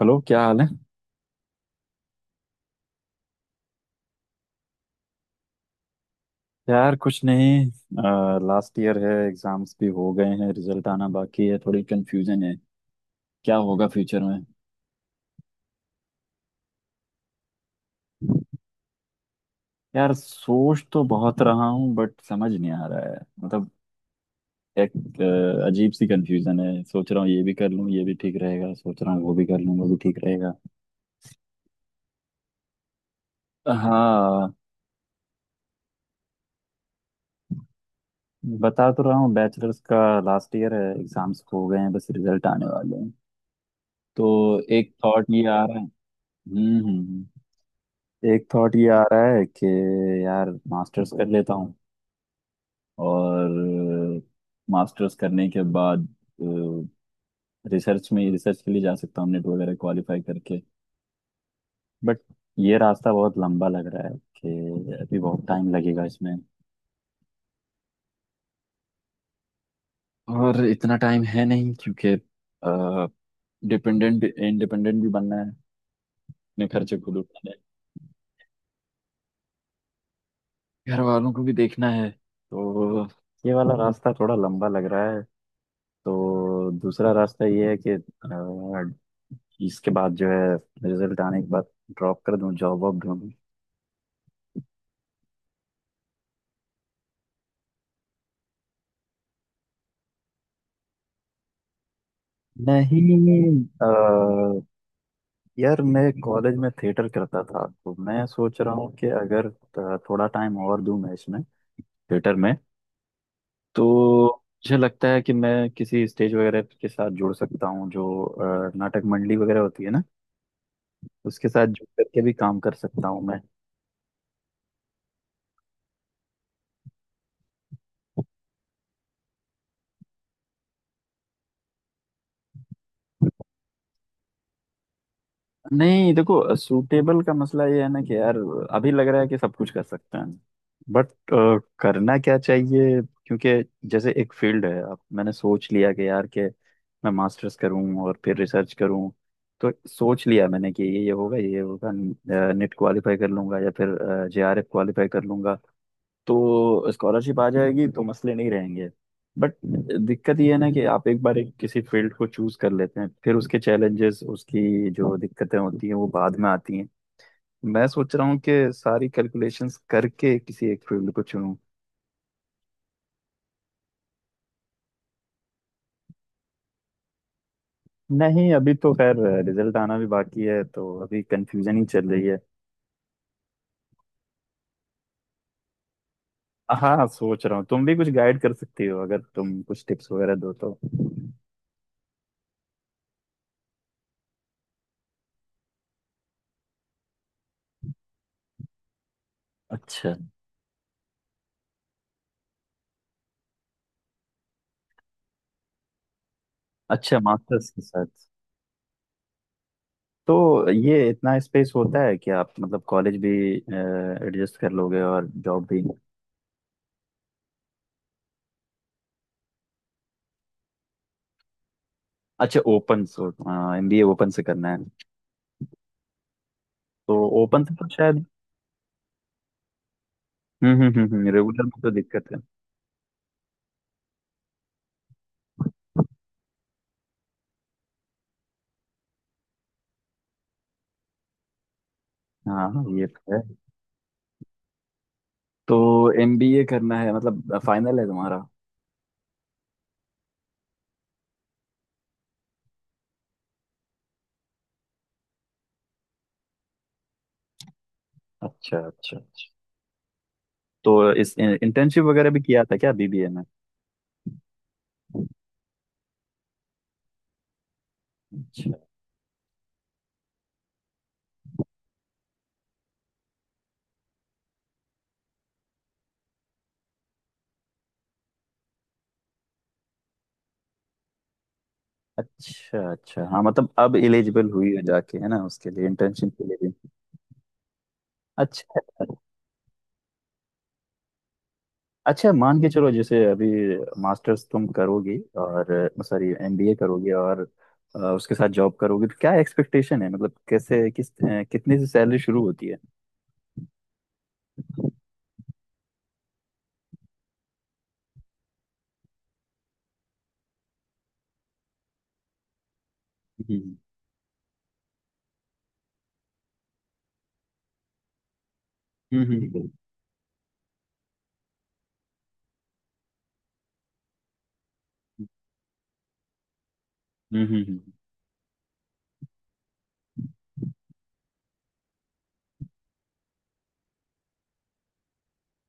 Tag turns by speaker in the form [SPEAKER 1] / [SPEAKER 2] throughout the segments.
[SPEAKER 1] Hello, क्या हाल है। यार कुछ नहीं। लास्ट ईयर है, एग्जाम्स भी हो गए हैं, रिजल्ट आना बाकी है, थोड़ी कंफ्यूजन है क्या होगा फ्यूचर में। यार सोच तो बहुत रहा हूँ बट समझ नहीं आ रहा है। मतलब एक अजीब सी कंफ्यूजन है। सोच रहा हूँ ये भी कर लूँ, ये भी ठीक रहेगा, सोच रहा हूँ वो भी कर लूँ, वो भी ठीक रहेगा। हाँ, बता तो रहा हूँ, बैचलर्स का लास्ट ईयर है, एग्जाम्स हो गए हैं, बस रिजल्ट आने वाले हैं। तो एक थॉट ये आ रहा है। हम्म हम्म हम्म। एक थॉट ये आ रहा है कि यार मास्टर्स कर लेता हूँ, और मास्टर्स करने के बाद रिसर्च में, रिसर्च के लिए जा सकता हूँ, नेट वगैरह क्वालिफाई करके। बट ये रास्ता बहुत लंबा लग रहा है कि अभी बहुत टाइम लगेगा इसमें, और इतना टाइम है नहीं क्योंकि डिपेंडेंट इंडिपेंडेंट भी बनना है, अपने खर्चे खुद उठाने हैं, घर वालों को भी देखना है। तो ये वाला रास्ता थोड़ा लंबा लग रहा है। तो दूसरा रास्ता ये है कि इसके बाद जो है, रिजल्ट आने के बाद ड्रॉप कर दूं, जॉब वॉब ढूंढूं। नहीं यार मैं कॉलेज में थिएटर करता था, तो मैं सोच रहा हूँ कि अगर थोड़ा टाइम और दूं मैं इसमें, थिएटर में, तो मुझे लगता है कि मैं किसी स्टेज वगैरह के साथ जुड़ सकता हूँ। जो नाटक मंडली वगैरह होती है ना, उसके साथ जुड़ करके भी काम कर सकता हूँ मैं। नहीं देखो, सूटेबल का मसला ये है ना कि यार अभी लग रहा है कि सब कुछ कर सकते हैं, बट करना क्या चाहिए। क्योंकि जैसे एक फील्ड है, अब मैंने सोच लिया कि यार के मैं मास्टर्स करूं और फिर रिसर्च करूं, तो सोच लिया मैंने कि ये होगा, ये होगा, नेट क्वालिफाई कर लूंगा या फिर जेआरएफ क्वालिफाई कर लूंगा, तो स्कॉलरशिप आ जाएगी, तो मसले नहीं रहेंगे। बट दिक्कत ये है ना कि आप एक बार एक किसी फील्ड को चूज कर लेते हैं, फिर उसके चैलेंजेस, उसकी जो दिक्कतें होती हैं वो बाद में आती हैं। मैं सोच रहा हूँ कि सारी कैलकुलेशंस करके किसी एक फील्ड को चुनूं। नहीं, अभी तो खैर रिजल्ट आना भी बाकी है, तो अभी कंफ्यूजन ही चल रही है। हाँ सोच रहा हूँ, तुम भी कुछ गाइड कर सकती हो, अगर तुम कुछ टिप्स वगैरह दो तो। अच्छा, अच्छा मास्टर्स के साथ। तो ये इतना स्पेस होता है कि आप मतलब कॉलेज भी एडजस्ट कर लोगे और जॉब भी। अच्छा, ओपन सो एमबीए ओपन से करना है। तो ओपन से तो शायद, हम्म, रेगुलर में तो दिक्कत है। हाँ हाँ, ये तो है। तो एमबीए करना है मतलब, फाइनल है तुम्हारा। अच्छा अच्छा अच्छा। तो इस इंटर्नशिप वगैरह भी किया था क्या बीबीए में। अच्छा अच्छा अच्छा, हाँ मतलब अब एलिजिबल हुई है जाके, है ना, उसके लिए, इंटर्नशिप के लिए भी। अच्छा अच्छा। अच्छा मान के चलो, जैसे अभी मास्टर्स तुम करोगी, और सॉरी एमबीए करोगी और उसके साथ जॉब करोगी, तो क्या एक्सपेक्टेशन है मतलब कैसे, किस कितने से सैलरी शुरू होती है। हम्म। हम्म। हम्म, हम्म,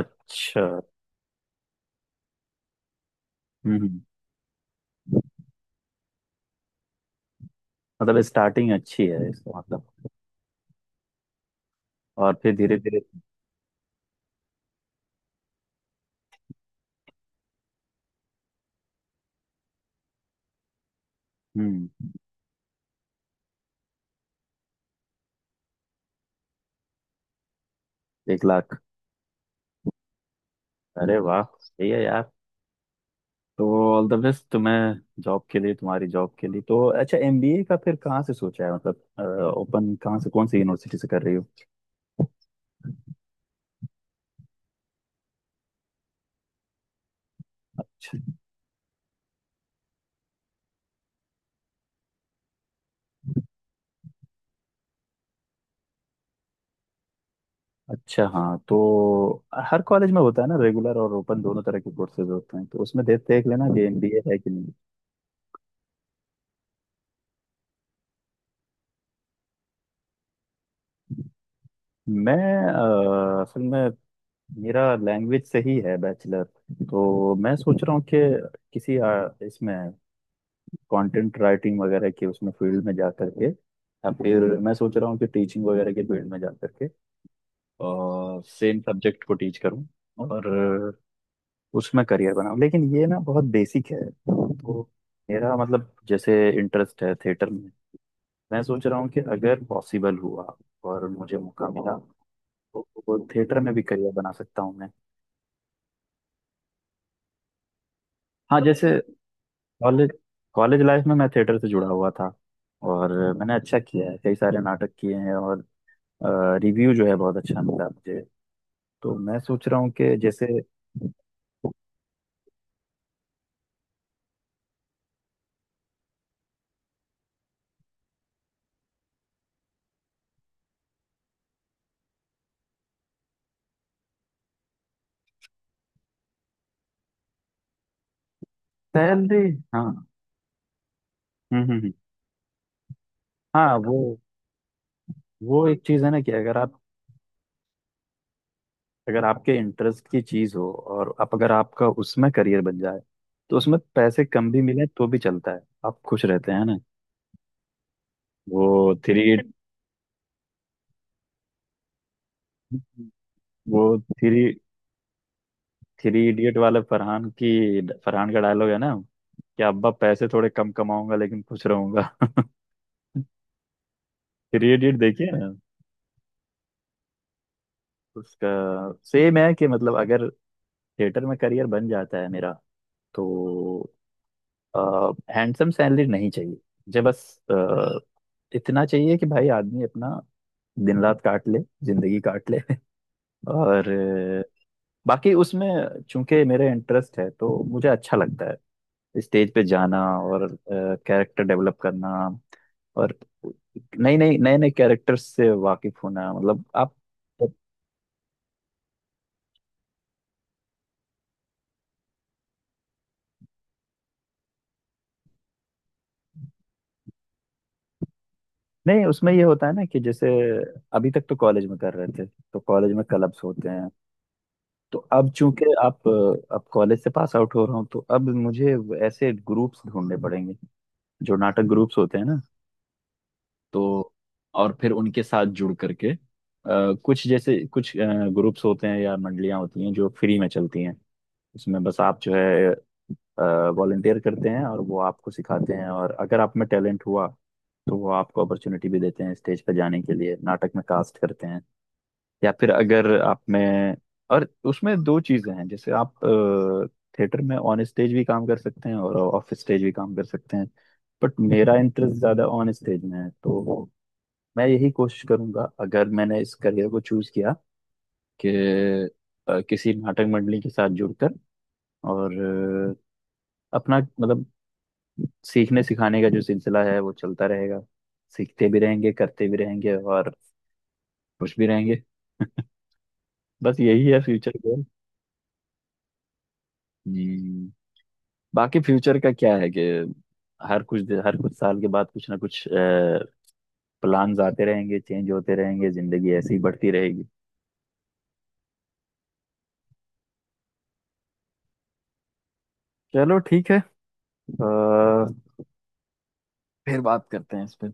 [SPEAKER 1] अच्छा। हम्म, मतलब स्टार्टिंग अच्छी है इसका मतलब। और फिर धीरे धीरे, हम्म, 1 लाख। अरे वाह, सही है यार। तो ऑल द बेस्ट तुम्हें जॉब के लिए, तुम्हारी जॉब के लिए। तो अच्छा, एमबीए का फिर कहाँ से सोचा है, मतलब ओपन कहाँ से, कौन सी यूनिवर्सिटी से कर रही हो। अच्छा अच्छा, हाँ तो हर कॉलेज में होता है ना, रेगुलर और ओपन दोनों तरह के कोर्सेज होते हैं, तो उसमें देख देख लेना कि एमबीए है कि नहीं। मैं असल में मेरा लैंग्वेज से ही है बैचलर। तो मैं सोच रहा हूँ कि किसी इसमें कंटेंट राइटिंग वगैरह के, उसमें फील्ड में जा करके, या फिर मैं सोच रहा हूँ कि टीचिंग वगैरह के फील्ड में जा करके और सेम सब्जेक्ट को टीच करूँ, और उसमें करियर बनाओ। लेकिन ये ना बहुत बेसिक है तो मेरा मतलब, जैसे इंटरेस्ट है थिएटर में, मैं सोच रहा हूँ कि अगर पॉसिबल हुआ और मुझे मौका मिला, तो थिएटर में भी करियर बना सकता हूँ मैं। हाँ जैसे कॉलेज, कॉलेज लाइफ में मैं थिएटर से जुड़ा हुआ था, और मैंने अच्छा किया है, कई सारे नाटक किए हैं, और रिव्यू जो है बहुत अच्छा मिला मुझे। तो मैं सोच रहा हूँ कि जैसे सैलरी, हाँ हम्म हम्म। हाँ वो एक चीज है ना कि अगर आप, अगर आपके इंटरेस्ट की चीज हो और आप, अगर आपका उसमें करियर बन जाए, तो उसमें पैसे कम भी मिले तो भी चलता है, आप खुश रहते हैं ना। वो थ्री वो थ्री थ्री इडियट वाले फरहान की, फरहान का डायलॉग है ना कि अब्बा पैसे थोड़े कम कमाऊंगा लेकिन खुश रहूंगा। थ्री इडियट देखिए ना। उसका सेम है कि मतलब अगर थिएटर में करियर बन जाता है मेरा, तो हैंडसम सैलरी नहीं चाहिए मुझे। बस अ, इतना चाहिए कि भाई आदमी अपना दिन रात काट ले, जिंदगी काट ले। और बाकी उसमें चूंकि मेरा इंटरेस्ट है, तो मुझे अच्छा लगता है स्टेज पे जाना और कैरेक्टर डेवलप करना, और नई नई नए नए कैरेक्टर्स से वाकिफ होना। मतलब आप, नहीं उसमें ये होता है ना कि जैसे अभी तक तो कॉलेज में कर रहे थे, तो कॉलेज में क्लब्स होते हैं, तो अब चूंकि आप, अब कॉलेज से पास आउट हो रहा हूँ, तो अब मुझे ऐसे ग्रुप्स ढूंढने पड़ेंगे, जो नाटक ग्रुप्स होते हैं ना। तो और फिर उनके साथ जुड़ करके कुछ जैसे कुछ ग्रुप्स होते हैं या मंडलियां होती हैं जो फ्री में चलती हैं, उसमें बस आप जो है वॉलंटियर करते हैं और वो आपको सिखाते हैं, और अगर आप में टैलेंट हुआ, तो वो आपको अपॉर्चुनिटी भी देते हैं स्टेज पर जाने के लिए, नाटक में कास्ट करते हैं। या फिर अगर आप में, और उसमें दो चीजें हैं, जैसे आप थिएटर में ऑन स्टेज भी काम कर सकते हैं और ऑफ स्टेज भी काम कर सकते हैं, बट मेरा इंटरेस्ट ज्यादा ऑन स्टेज में है। तो मैं यही कोशिश करूंगा, अगर मैंने इस करियर को चूज किया, कि किसी नाटक मंडली के साथ जुड़कर और अपना मतलब सीखने सिखाने का जो सिलसिला है वो चलता रहेगा, सीखते भी रहेंगे, करते भी रहेंगे, और खुश भी रहेंगे। बस यही है फ्यूचर गोल। बाकी फ्यूचर का क्या है कि हर कुछ हर कुछ साल के बाद कुछ ना कुछ प्लान्स आते रहेंगे, चेंज होते रहेंगे, जिंदगी ऐसे ही बढ़ती रहेगी। चलो ठीक है, अ, फिर बात करते हैं इस पे।